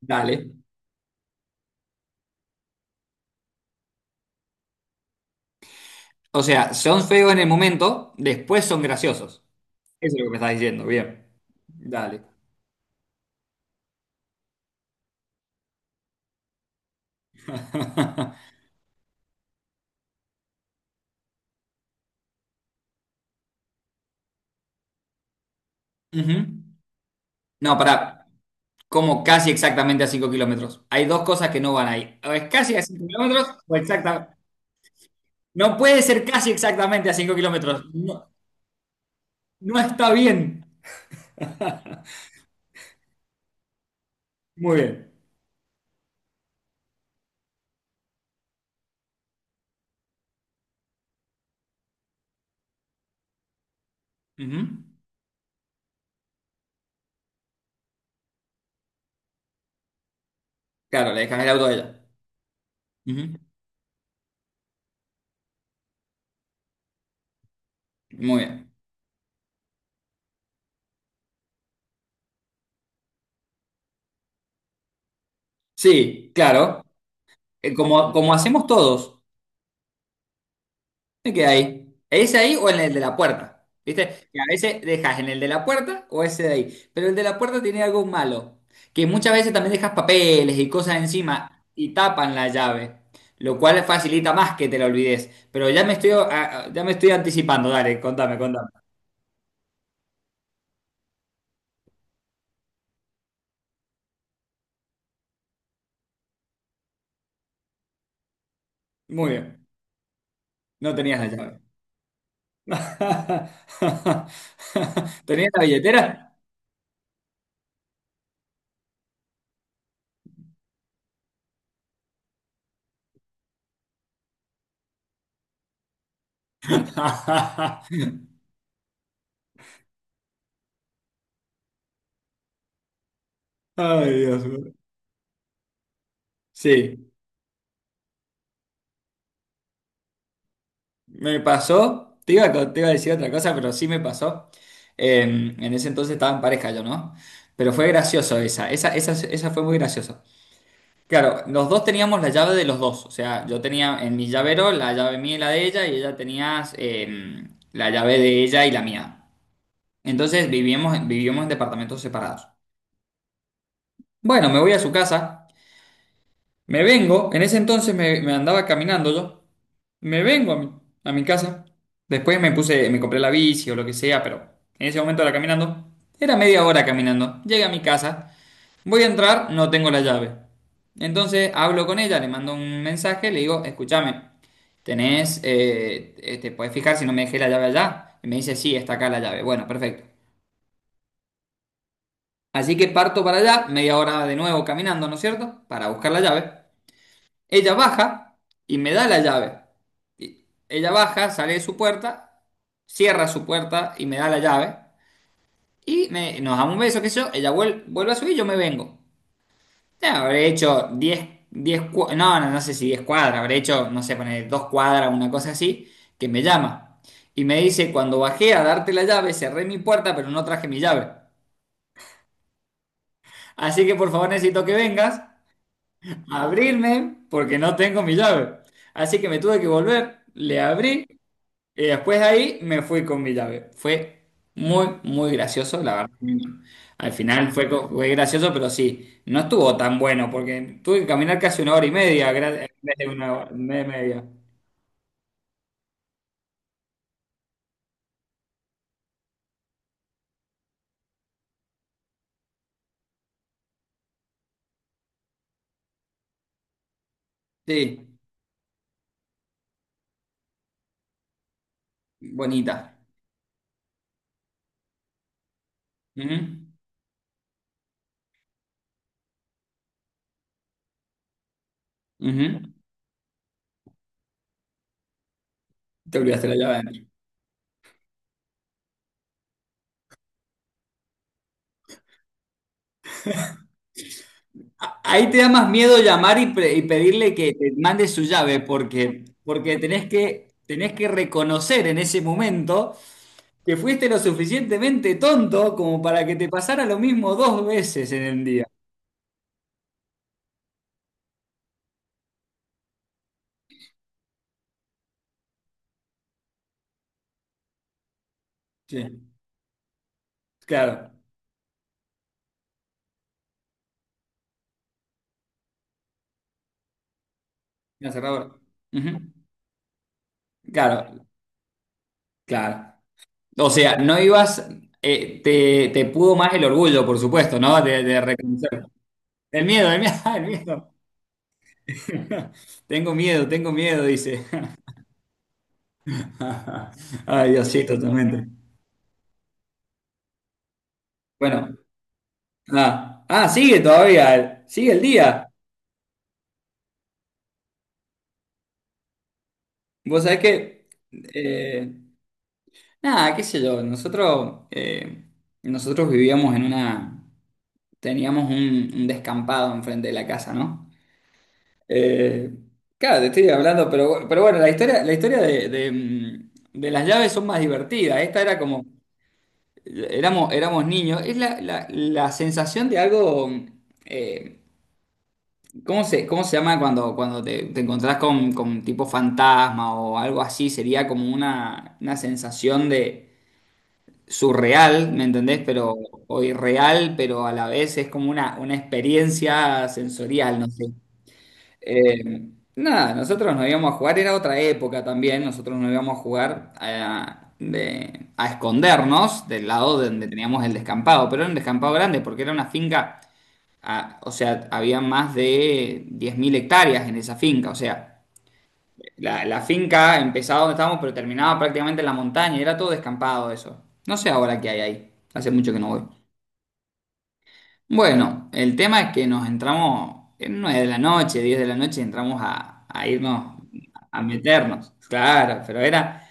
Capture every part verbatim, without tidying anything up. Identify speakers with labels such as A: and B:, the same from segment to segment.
A: Dale. O sea, son feos en el momento, después son graciosos. Eso es lo que me estás diciendo, bien. Dale. Ujú. No, para como casi exactamente a cinco kilómetros. Hay dos cosas que no van ahí. O es casi a cinco kilómetros o exactamente. No puede ser casi exactamente a cinco kilómetros. No, no está bien. Muy bien. Ujú. Claro, le dejan el auto a ella. Ujú. Muy bien. Sí, claro. Eh, Como, como hacemos todos. Me quedé ahí. ¿Ese ahí o en el de la puerta? ¿Viste? Que a veces dejas en el de la puerta o ese de ahí. Pero el de la puerta tiene algo malo. Que muchas veces también dejas papeles y cosas encima y tapan la llave. Lo cual facilita más que te la olvides. Pero ya me estoy, ah, ah, ya me estoy anticipando. Dale, contame, contame. Muy bien. No tenías la llave. ¿Tenías la billetera? Ay, Dios mío. Sí. Me pasó, te iba, a co- te iba a decir otra cosa, pero sí me pasó. En, en ese entonces estaba en pareja yo, ¿no? Pero fue gracioso esa, esa, esa, esa fue muy graciosa. Claro, los dos teníamos la llave de los dos, o sea, yo tenía en mi llavero la llave mía y la de ella, y ella tenía eh, la llave de ella y la mía. Entonces vivíamos, vivíamos en departamentos separados. Bueno, me voy a su casa, me vengo, en ese entonces me, me andaba caminando yo. Me vengo a mi, A mi casa. Después me puse, me compré la bici o lo que sea, pero en ese momento era caminando. Era media hora caminando. Llegué a mi casa, voy a entrar, no tengo la llave. Entonces hablo con ella, le mando un mensaje, le digo, escúchame, tenés, eh, eh, te puedes fijar si no me dejé la llave allá. Y me dice, sí, está acá la llave. Bueno, perfecto. Así que parto para allá, media hora de nuevo caminando, ¿no es cierto? Para buscar la llave. Ella baja y me da la llave. Y ella baja, sale de su puerta, cierra su puerta y me da la llave. Y me- nos damos un beso, qué sé yo. Ella vuel- vuelve a subir, yo me vengo. Ya, habré hecho diez, diez, cua- no, no, no sé si diez cuadras, habré hecho, no sé, poner dos cuadras, una cosa así, que me llama. Y me dice, cuando bajé a darte la llave, cerré mi puerta, pero no traje mi llave. Así que por favor necesito que vengas a abrirme porque no tengo mi llave. Así que me tuve que volver, le abrí. Y después de ahí me fui con mi llave. Fue muy, muy gracioso, la verdad. Al final fue, co- fue gracioso, pero sí, no estuvo tan bueno porque tuve que caminar casi una hora y media gra- en vez de una hora, una hora y media. Sí, bonita. Ujú, ujú. Te olvidaste la llave adentro. A- Ahí te da más miedo llamar y, pre- y pedirle que te mande su llave, porque, porque tenés que, tenés que reconocer en ese momento que fuiste lo suficientemente tonto como para que te pasara lo mismo dos veces en el día. Sí, claro, la cerradora. Ujú. Claro, claro. O sea, no ibas, eh, te, te pudo más el orgullo, por supuesto, ¿no? De, de reconocer. El miedo, el miedo, el miedo. Tengo miedo, tengo miedo, dice. Ay, Dios, sí, totalmente. Bueno, ah, ah, sigue todavía, sigue el día. Vos sabés que eh, nada, qué sé yo, nosotros, eh, nosotros vivíamos en una, teníamos un, un descampado enfrente de la casa, ¿no? Eh, claro, te estoy hablando, pero, pero bueno, la historia, la historia de, de, mm, de las llaves son más divertidas. Esta era como, éramos, éramos niños, es la, la- la sensación de algo, eh, ¿cómo se, cómo se llama cuando, cuando te, te encontrás con, con tipo fantasma o algo así? Sería como una, una sensación surreal, ¿me entendés? Pero, o irreal, pero a la vez es como una, una experiencia sensorial, no sé. Eh, nada, nosotros nos íbamos a jugar, era otra época también, nosotros nos íbamos a jugar a, de- a escondernos del lado de donde teníamos el descampado, pero era un descampado grande porque era una finca, ah, o sea, había más de diez mil hectáreas en esa finca, o sea. La, la finca empezaba donde estábamos, pero terminaba prácticamente en la montaña y era todo descampado eso. No sé ahora qué hay ahí. Hace mucho que no voy. Bueno, el tema es que nos entramos en nueve de la noche, diez de la noche, entramos a, a irnos, a meternos. Claro, pero era,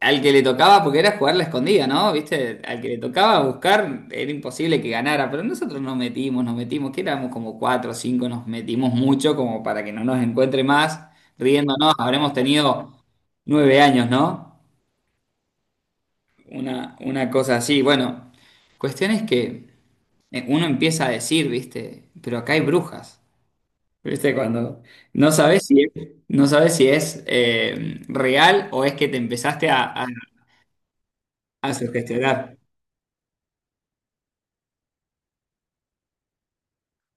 A: al que le tocaba, porque era jugar la escondida, ¿no? ¿Viste? Al que le tocaba buscar, era imposible que ganara, pero nosotros nos metimos, nos metimos, que éramos como cuatro o cinco, nos metimos mucho como para que no nos encuentre más, riéndonos, habremos tenido nueve años, ¿no? Una, una cosa así. Bueno, cuestión es que eh, uno empieza a decir, ¿viste? Pero acá hay brujas, ¿viste? Cuando no sabes si es, no sabes si es eh, real o es que te empezaste a, a, a sugestionar.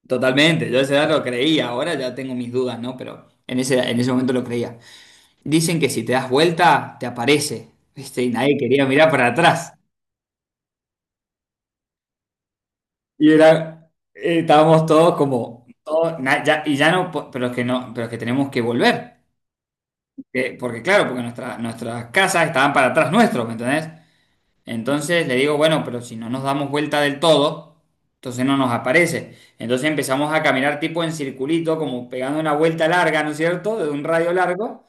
A: Totalmente, yo ese dato lo creía, ahora ya tengo mis dudas, ¿no? Pero en ese, en ese momento lo creía. Dicen que si te das vuelta, te aparece, ¿viste? Y nadie quería mirar para atrás. Y era, eh, estábamos todos como, todos, na- ya- y ya no, po- pero es que no, pero es que tenemos que volver. Eh, porque claro, porque nuestra- nuestras casas estaban para atrás nuestros, ¿me entendés? Entonces le digo, bueno, pero si no nos damos vuelta del todo, entonces no nos aparece. Entonces empezamos a caminar tipo en circulito, como pegando una vuelta larga, ¿no es cierto? De un radio largo.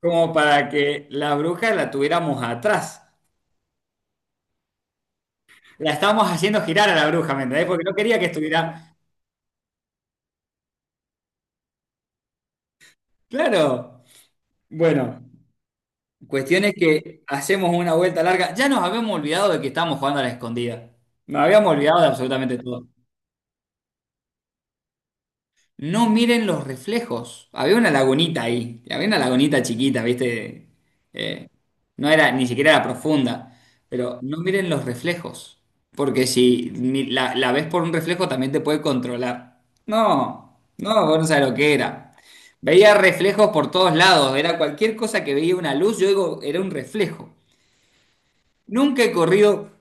A: Como para que la bruja la tuviéramos atrás. La estábamos haciendo girar a la bruja, ¿me entendés? Porque no quería que estuviera. Claro. Bueno, cuestión es que hacemos una vuelta larga. Ya nos habíamos olvidado de que estábamos jugando a la escondida. Nos habíamos olvidado de absolutamente todo. No miren los reflejos. Había una lagunita ahí. Había una lagunita chiquita, ¿viste? Eh, no era, ni siquiera era profunda. Pero no miren los reflejos. Porque si mi- la, la ves por un reflejo también te puede controlar. No, no, vos no sabés lo que era. Veía reflejos por todos lados. Era cualquier cosa que veía una luz, yo digo, era un reflejo. Nunca he corrido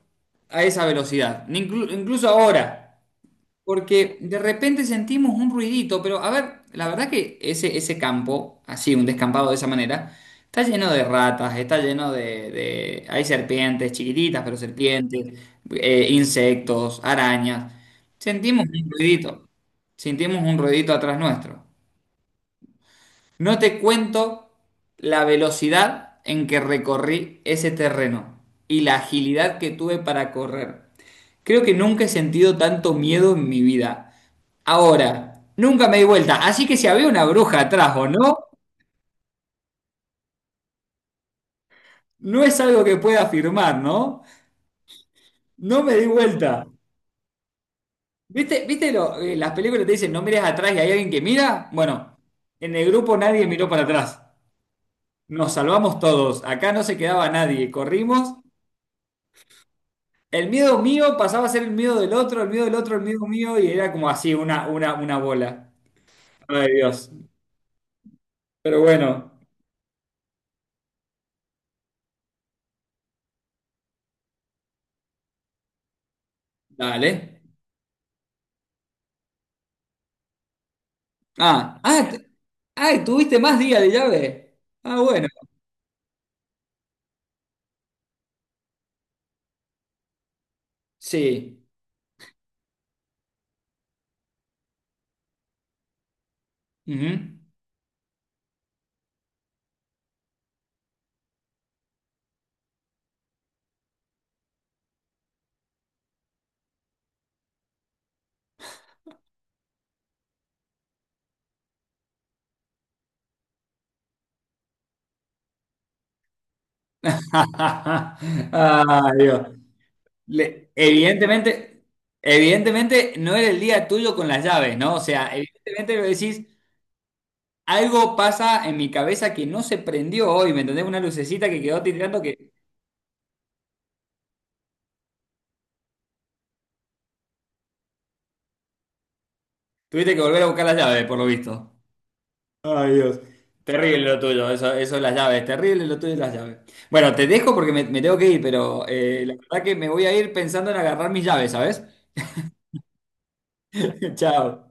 A: a esa velocidad, ni inclu- incluso ahora. Porque de repente sentimos un ruidito, pero a ver, la verdad que ese, ese campo, así, un descampado de esa manera, está lleno de ratas, está lleno de, de- hay serpientes, chiquititas, pero serpientes, eh, insectos, arañas. Sentimos un ruidito, sentimos un ruidito atrás nuestro. No te cuento la velocidad en que recorrí ese terreno y la agilidad que tuve para correr. Creo que nunca he sentido tanto miedo en mi vida. Ahora, nunca me di vuelta, así que si había una bruja atrás o no, no es algo que pueda afirmar, ¿no? No me di vuelta. ¿Viste, viste lo- eh, las películas te dicen no mires atrás y hay alguien que mira? Bueno, en el grupo nadie miró para atrás. Nos salvamos todos, acá no se quedaba nadie, corrimos. El miedo mío pasaba a ser el miedo del otro, el miedo del otro, el miedo mío, y era como así, una, una, una bola. Ay, Dios. Pero bueno, dale. Ah, ah, t- ah, tuviste más días de llave. Ah, bueno, sí. Ujú. Ah, Dios. Le- evidentemente, evidentemente no era el día tuyo con las llaves, ¿no? O sea, evidentemente lo decís, algo pasa en mi cabeza que no se prendió hoy, ¿me entendés? Una lucecita que quedó titilando que tuviste que volver a buscar las llaves, por lo visto. Ay, Dios. Terrible lo tuyo, eso, eso de las llaves, terrible lo tuyo de las llaves. Bueno, te dejo porque me, me tengo que ir, pero eh, la verdad que me voy a ir pensando en agarrar mis llaves, ¿sabes? Chao.